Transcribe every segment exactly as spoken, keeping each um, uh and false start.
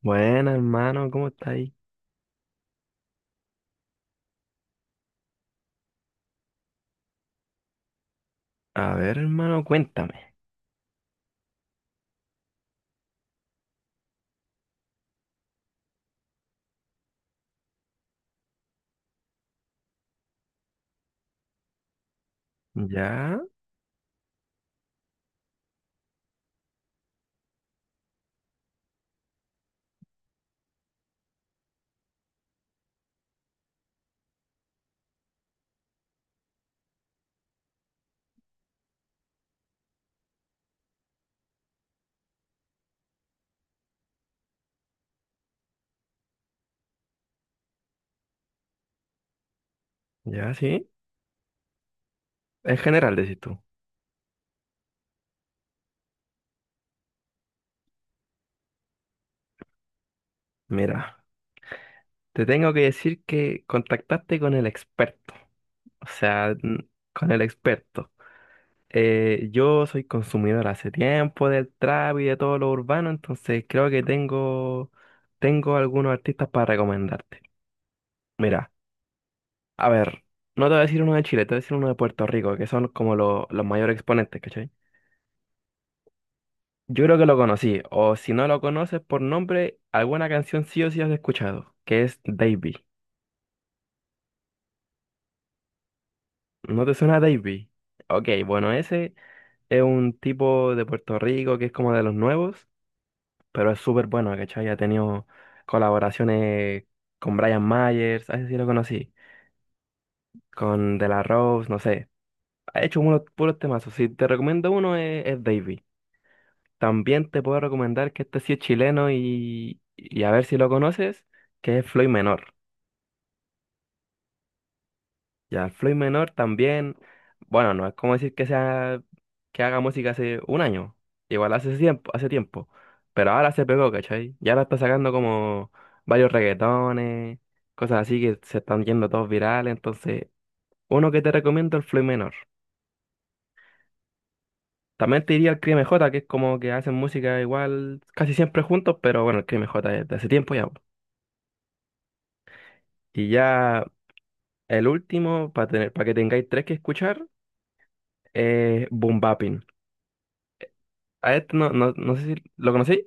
Bueno, hermano, ¿cómo está ahí? A ver, hermano, cuéntame. Ya, ya, sí. En general, decís tú. Mira, te tengo que decir que contactaste con el experto. O sea, mm, con el experto. Eh, yo soy consumidor hace tiempo del trap y de todo lo urbano, entonces creo que tengo, tengo algunos artistas para recomendarte. Mira, a ver, no te voy a decir uno de Chile, te voy a decir uno de Puerto Rico, que son como lo- los mayores exponentes, ¿cachai? Yo creo que lo conocí, o si no lo conoces por nombre, alguna canción sí o sí has escuchado, que es Davey. ¿No te suena Davey? Ok, bueno, ese es un tipo de Puerto Rico que es como de los nuevos, pero es súper bueno, ¿cachai? Ha tenido colaboraciones con Brian Myers, así sí lo conocí, con De La Rose, no sé. Ha hecho unos puros temazos. Si te recomiendo uno es, es Davey. También te puedo recomendar que este sí es chileno y, y a ver si lo conoces, que es Floyd Menor. Ya el Floyd Menor también, bueno, no es como decir que sea que haga música hace un año, igual hace tiempo, hace tiempo, pero ahora se pegó, ¿cachai? Y ahora está sacando como varios reggaetones, cosas así que se están yendo todos virales, entonces, uno que te recomiendo el Floyd Menor. También te diría el Crime J, que es como que hacen música igual casi siempre juntos, pero bueno, el Crime J es de hace tiempo ya, po. Y ya el último, para tener, para que tengáis tres que escuchar, es Boom Bapin. A este no, no, no sé si lo conocí.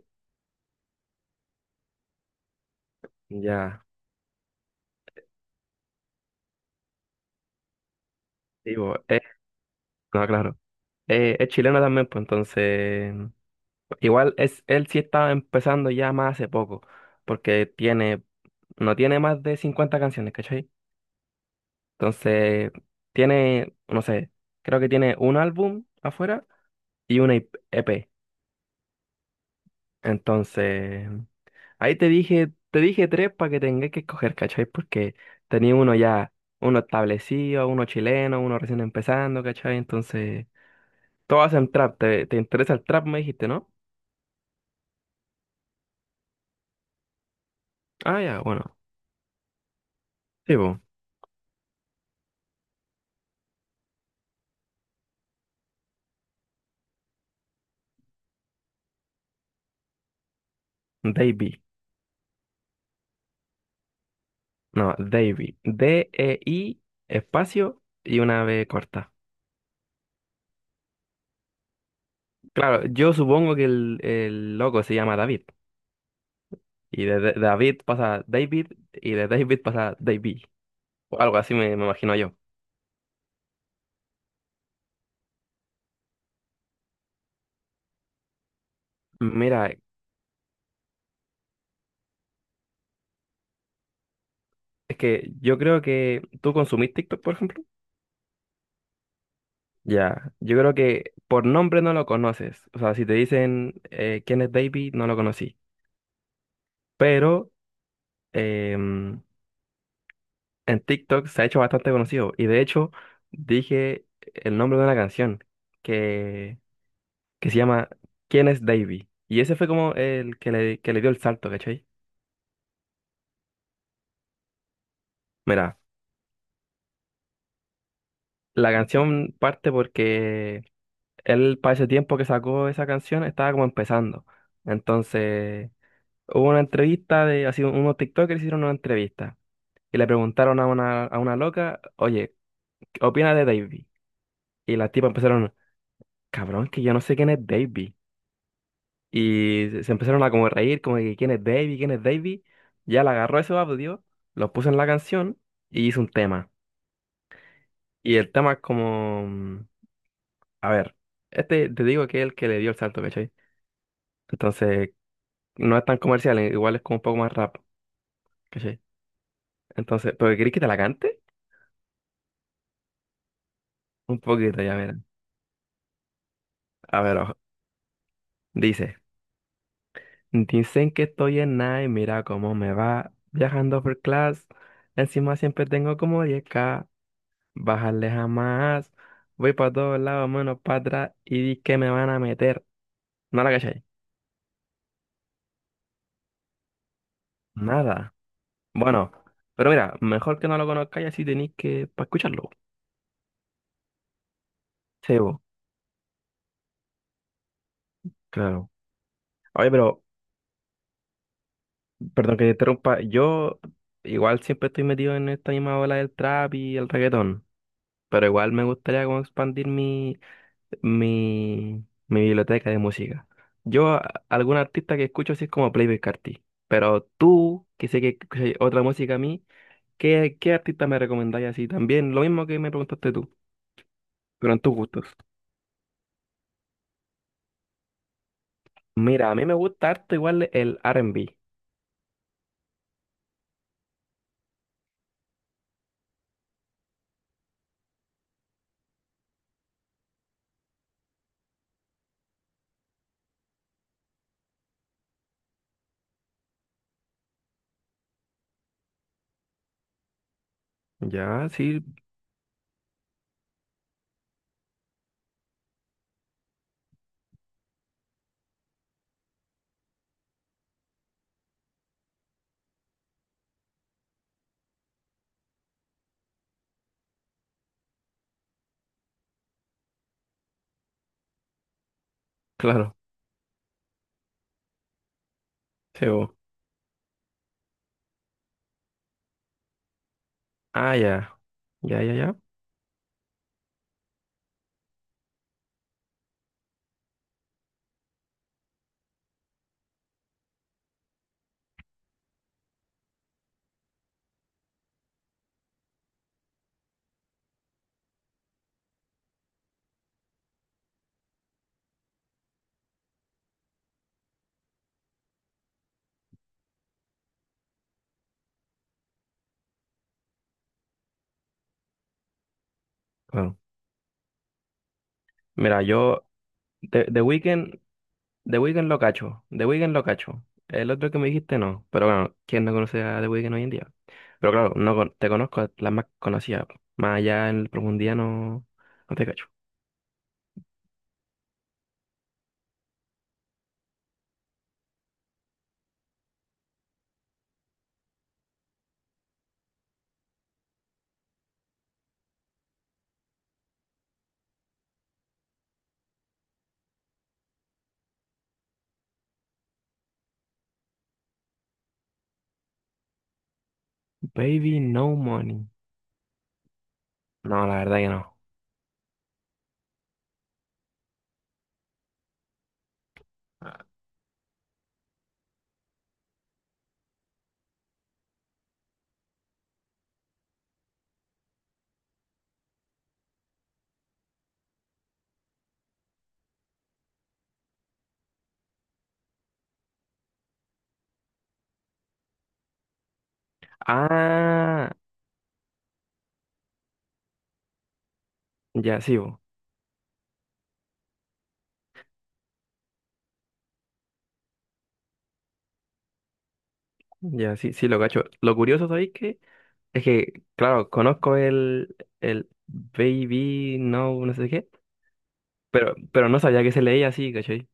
Ya, digo, eh, no, claro. Eh, es chileno también, pues entonces. Igual es, él sí estaba empezando ya más hace poco, porque tiene, no tiene más de cincuenta canciones, ¿cachai? Entonces, tiene, no sé, creo que tiene un álbum afuera y una E P. Entonces, ahí te dije, te dije tres para que tengas que escoger, ¿cachai? Porque tenía uno ya, uno establecido, uno chileno, uno recién empezando, ¿cachai? Entonces. Todas en trap. ¿Te, te interesa el trap, me dijiste, ¿no? Ah, ya, bueno. Sí, bo. Davey. No, Davey. D E I, espacio y una B corta. Claro, yo supongo que el, el loco se llama David. Y de, de- David pasa David y de David pasa Davey. O algo así me, me imagino yo. Mira, es que yo creo que tú consumís TikTok, por ejemplo. Ya, yo creo que por nombre no lo conoces. O sea, si te dicen eh, quién es Davey, no lo conocí. Pero... en TikTok se ha hecho bastante conocido. Y de hecho, dije el nombre de una canción que, que se llama ¿Quién es Davy? Y ese fue como el que le, que le dio el salto, ¿cachai? Mira, la canción parte porque él para ese tiempo que sacó esa canción estaba como empezando. Entonces, hubo una entrevista de, así, unos TikTokers hicieron una entrevista. Y le preguntaron a una, a una loca, oye, ¿qué opinas de Davy? Y las tipas empezaron, cabrón, que yo no sé quién es Davy. Y se se empezaron a como reír, como que quién es Davey, quién es Davey. Ya le agarró ese audio, lo puso en la canción y hizo un tema. Y el tema es como, mm, a ver, este te digo que es el que le dio el salto, ¿cachai? Entonces, no es tan comercial, eh, igual es como un poco más rap, ¿cachai? Entonces, ¿pero querés que te la cante? Un poquito, ya mira. A ver, ojo. Dice, dicen que estoy en nada y mira cómo me va viajando por class. Encima siempre tengo como diez k. Bajarle jamás. Voy para todos lados, menos para atrás. Y di que me van a meter. No la cachai. Nada. Bueno, pero mira, mejor que no lo conozcáis así tenéis que para escucharlo. Sí, vos, claro. Oye, pero, perdón que te interrumpa. Yo igual siempre estoy metido en esta misma ola del trap y el reggaetón. Pero igual me gustaría como expandir mi, mi, mi biblioteca de música. Yo, a- Algún artista que escucho así es como Playboi Carti. Pero tú, que sé que escuchas otra música a mí. ¿Qué, qué artista me recomendáis así? También lo mismo que me preguntaste tú, pero en tus gustos. Mira, a mí me gusta harto igual el R and B. Ya, sí, claro. Sí, bo. Ah, ya, ya, ya, ya. Claro. Mira, yo, The, The Weeknd, The Weeknd lo cacho, The Weeknd lo cacho. El otro que me dijiste no, pero bueno, ¿quién no conoce a The Weeknd hoy en día? Pero claro, no con- te conozco las más conocidas, po. Más allá en profundidad no, no te cacho. Baby No Money. No, la verdad que no. Ah, ya, sí, bo. Ya, sí, sí, lo cacho. Lo curioso, ¿sabéis qué? Es que, claro, conozco el, el Baby No, no sé qué, pero, pero no sabía que se leía así, ¿cachai?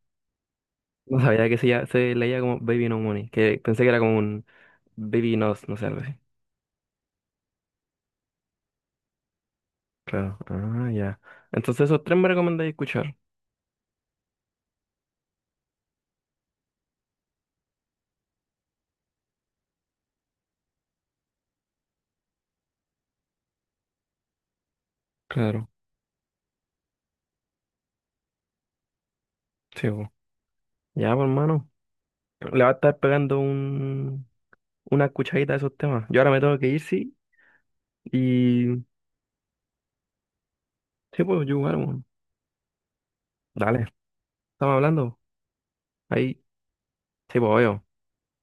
No sabía que se, ya- se leía como Baby No Money, que pensé que era como un Baby Nos, no sé, algo así. Claro, ah, ya. Entonces esos tres me recomendáis escuchar. Claro, sí, po. Ya, pues, hermano, le va a estar pegando un, una escuchadita a esos temas. Yo ahora me tengo que ir, sí, y sí, pues, yo igual, bueno. Dale, estamos hablando. Ahí, sí, pues, veo.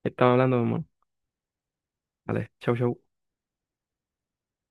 Estaba hablando, mamá. Vale, chau, chau.